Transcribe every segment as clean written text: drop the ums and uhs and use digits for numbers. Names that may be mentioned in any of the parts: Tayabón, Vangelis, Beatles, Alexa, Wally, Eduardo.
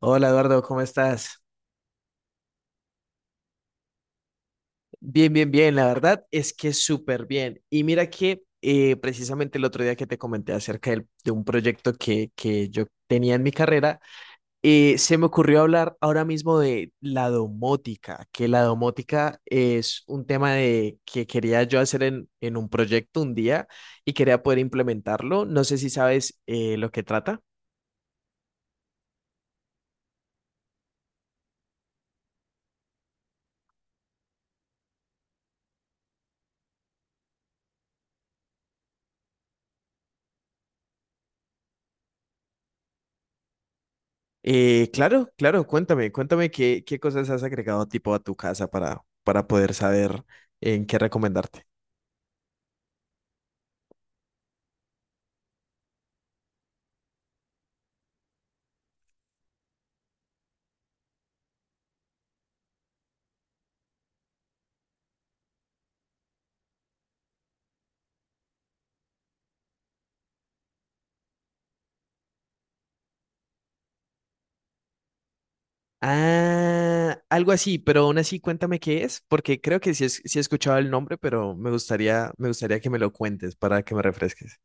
Hola Eduardo, ¿cómo estás? Bien, bien, bien, la verdad es que súper bien. Y mira que precisamente el otro día que te comenté de un proyecto que yo tenía en mi carrera, se me ocurrió hablar ahora mismo de la domótica, que la domótica es un tema de, que quería yo hacer en un proyecto un día y quería poder implementarlo. No sé si sabes lo que trata. Claro, claro, cuéntame, qué cosas has agregado tipo a tu casa para poder saber en qué recomendarte. Ah, algo así, pero aún así cuéntame qué es, porque creo que sí, sí he escuchado el nombre, pero me gustaría que me lo cuentes para que me refresques.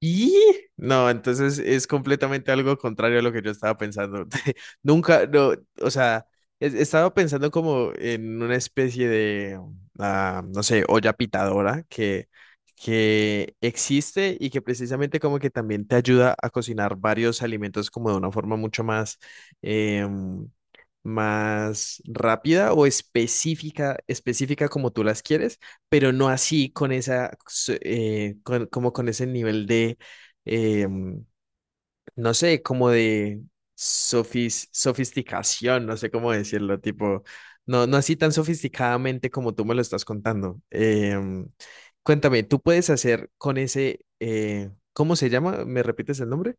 Y no, entonces es completamente algo contrario a lo que yo estaba pensando. Nunca, no, o sea, estaba pensando como en una especie de, ah, no sé, olla pitadora que existe y que precisamente como que también te ayuda a cocinar varios alimentos como de una forma mucho más, em, más rápida o específica, específica como tú las quieres, pero no así con esa, como con ese nivel de, eh, no sé, como de sofisticación, no sé cómo decirlo, tipo, no, no así tan sofisticadamente como tú me lo estás contando. Cuéntame, ¿tú puedes hacer con ese, cómo se llama? ¿Me repites el nombre?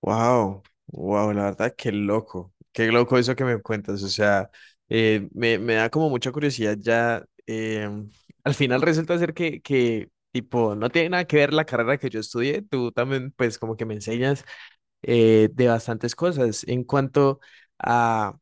Wow, wow, la verdad, qué loco eso que me cuentas. O sea, me da como mucha curiosidad ya. Al final resulta ser tipo, no tiene nada que ver la carrera que yo estudié. Tú también, pues, como que me enseñas de bastantes cosas en cuanto a.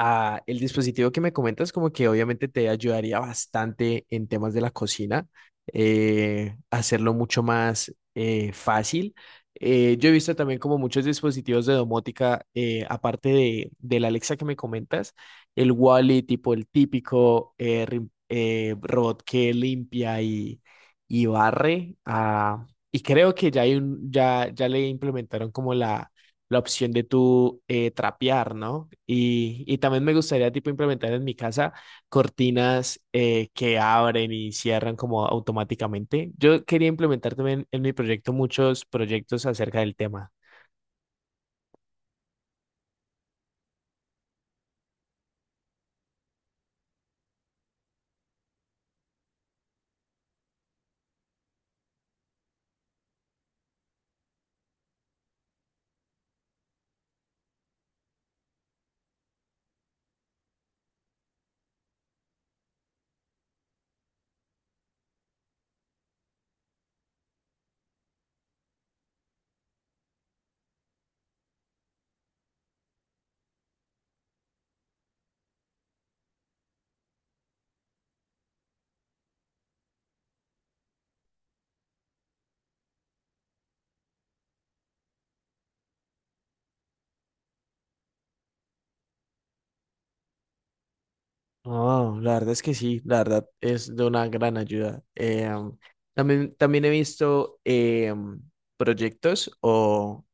Ah, el dispositivo que me comentas como que obviamente te ayudaría bastante en temas de la cocina, hacerlo mucho más fácil. Yo he visto también como muchos dispositivos de domótica, aparte del Alexa que me comentas, el Wally, tipo el típico robot que limpia y barre. Ah, y creo que ya hay ya le implementaron como la opción de tú trapear, ¿no? Y también me gustaría tipo implementar en mi casa cortinas que abren y cierran como automáticamente. Yo quería implementar también en mi proyecto muchos proyectos acerca del tema. Oh, la verdad es que sí, la verdad es de una gran ayuda. También, también he visto, proyectos o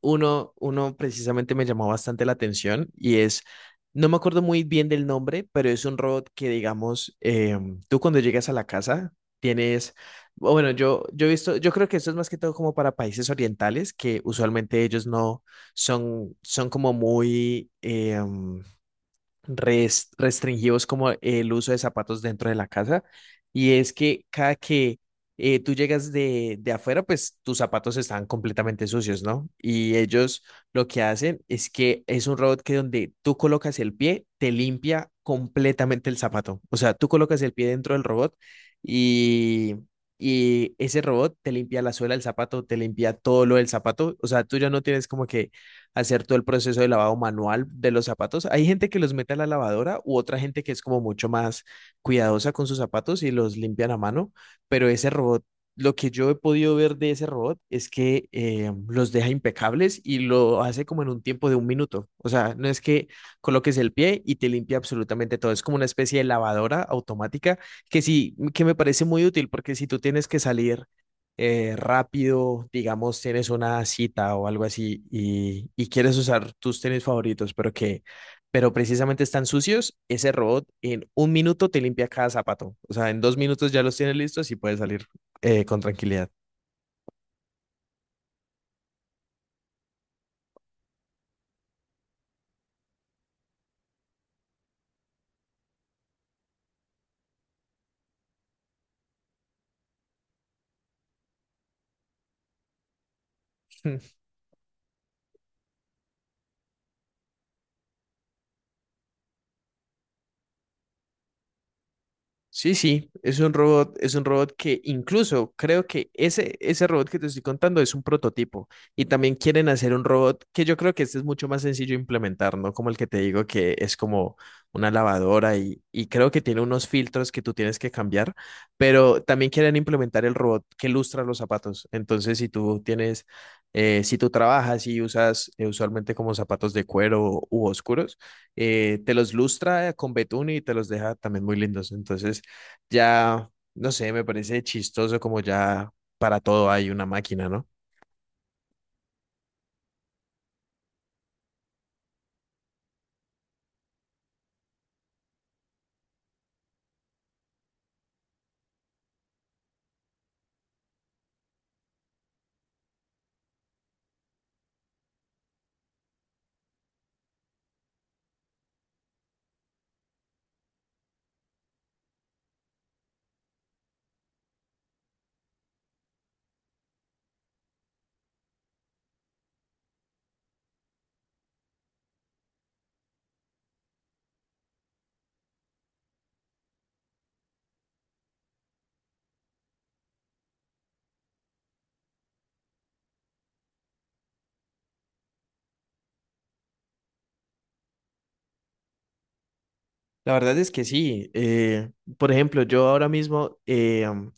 uno, uno precisamente me llamó bastante la atención y es, no me acuerdo muy bien del nombre, pero es un robot que, digamos, tú cuando llegas a la casa tienes, o bueno, yo he visto, yo creo que esto es más que todo como para países orientales, que usualmente ellos no son, son como muy... res- restringimos como el uso de zapatos dentro de la casa. Y es que cada que tú llegas de afuera, pues tus zapatos están completamente sucios, ¿no? Y ellos lo que hacen es que es un robot que donde tú colocas el pie, te limpia completamente el zapato. O sea, tú colocas el pie dentro del robot y... Y ese robot te limpia la suela del zapato, te limpia todo lo del zapato. O sea, tú ya no tienes como que hacer todo el proceso de lavado manual de los zapatos. Hay gente que los mete a la lavadora u otra gente que es como mucho más cuidadosa con sus zapatos y los limpian a mano, pero ese robot, lo que yo he podido ver de ese robot es que los deja impecables y lo hace como en un tiempo de un minuto. O sea, no es que coloques el pie y te limpia absolutamente todo. Es como una especie de lavadora automática que sí, que me parece muy útil porque si tú tienes que salir rápido, digamos, tienes una cita o algo así y quieres usar tus tenis favoritos, pero precisamente están sucios, ese robot en un minuto te limpia cada zapato. O sea, en dos minutos ya los tienes listos y puedes salir con tranquilidad. Sí, sí, es un robot que incluso creo que ese robot que te estoy contando es un prototipo y también quieren hacer un robot que yo creo que este es mucho más sencillo de implementar, ¿no? Como el que te digo que es como una lavadora y creo que tiene unos filtros que tú tienes que cambiar, pero también quieren implementar el robot que lustra los zapatos. Entonces, si tú tienes, si tú trabajas y usas usualmente como zapatos de cuero u oscuros, te los lustra con betún y te los deja también muy lindos. Entonces, ya, no sé, me parece chistoso como ya para todo hay una máquina, ¿no? La verdad es que sí. Por ejemplo, yo ahora mismo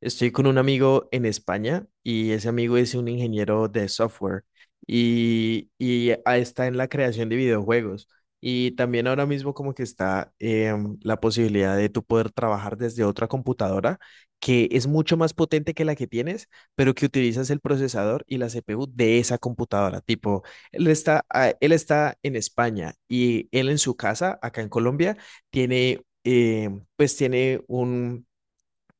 estoy con un amigo en España y ese amigo es un ingeniero de software y, está en la creación de videojuegos. Y también ahora mismo como que está la posibilidad de tú poder trabajar desde otra computadora que es mucho más potente que la que tienes, pero que utilizas el procesador y la CPU de esa computadora. Tipo, él está en España y él en su casa, acá en Colombia tiene, pues tiene un,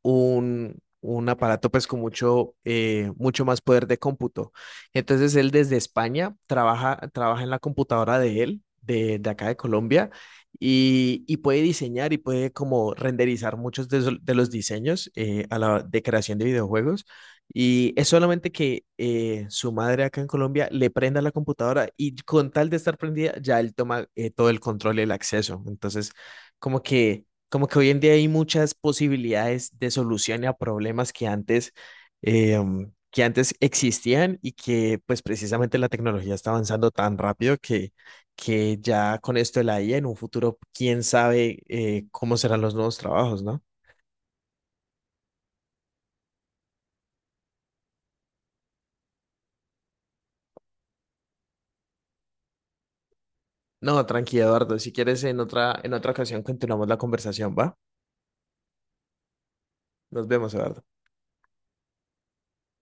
un, un aparato pues con mucho, mucho más poder de cómputo. Entonces él desde España trabaja, trabaja en la computadora de él, de acá de Colombia, y puede diseñar y puede como renderizar muchos de los diseños de creación de videojuegos. Y es solamente que su madre acá en Colombia le prenda la computadora y con tal de estar prendida, ya él toma todo el control y el acceso. Entonces, como que como que hoy en día hay muchas posibilidades de solución a problemas eh, que antes existían y que pues precisamente la tecnología está avanzando tan rápido que ya con esto de la IA en un futuro, quién sabe cómo serán los nuevos trabajos, ¿no? No, tranquilo, Eduardo. Si quieres, en otra ocasión continuamos la conversación, ¿va? Nos vemos, Eduardo.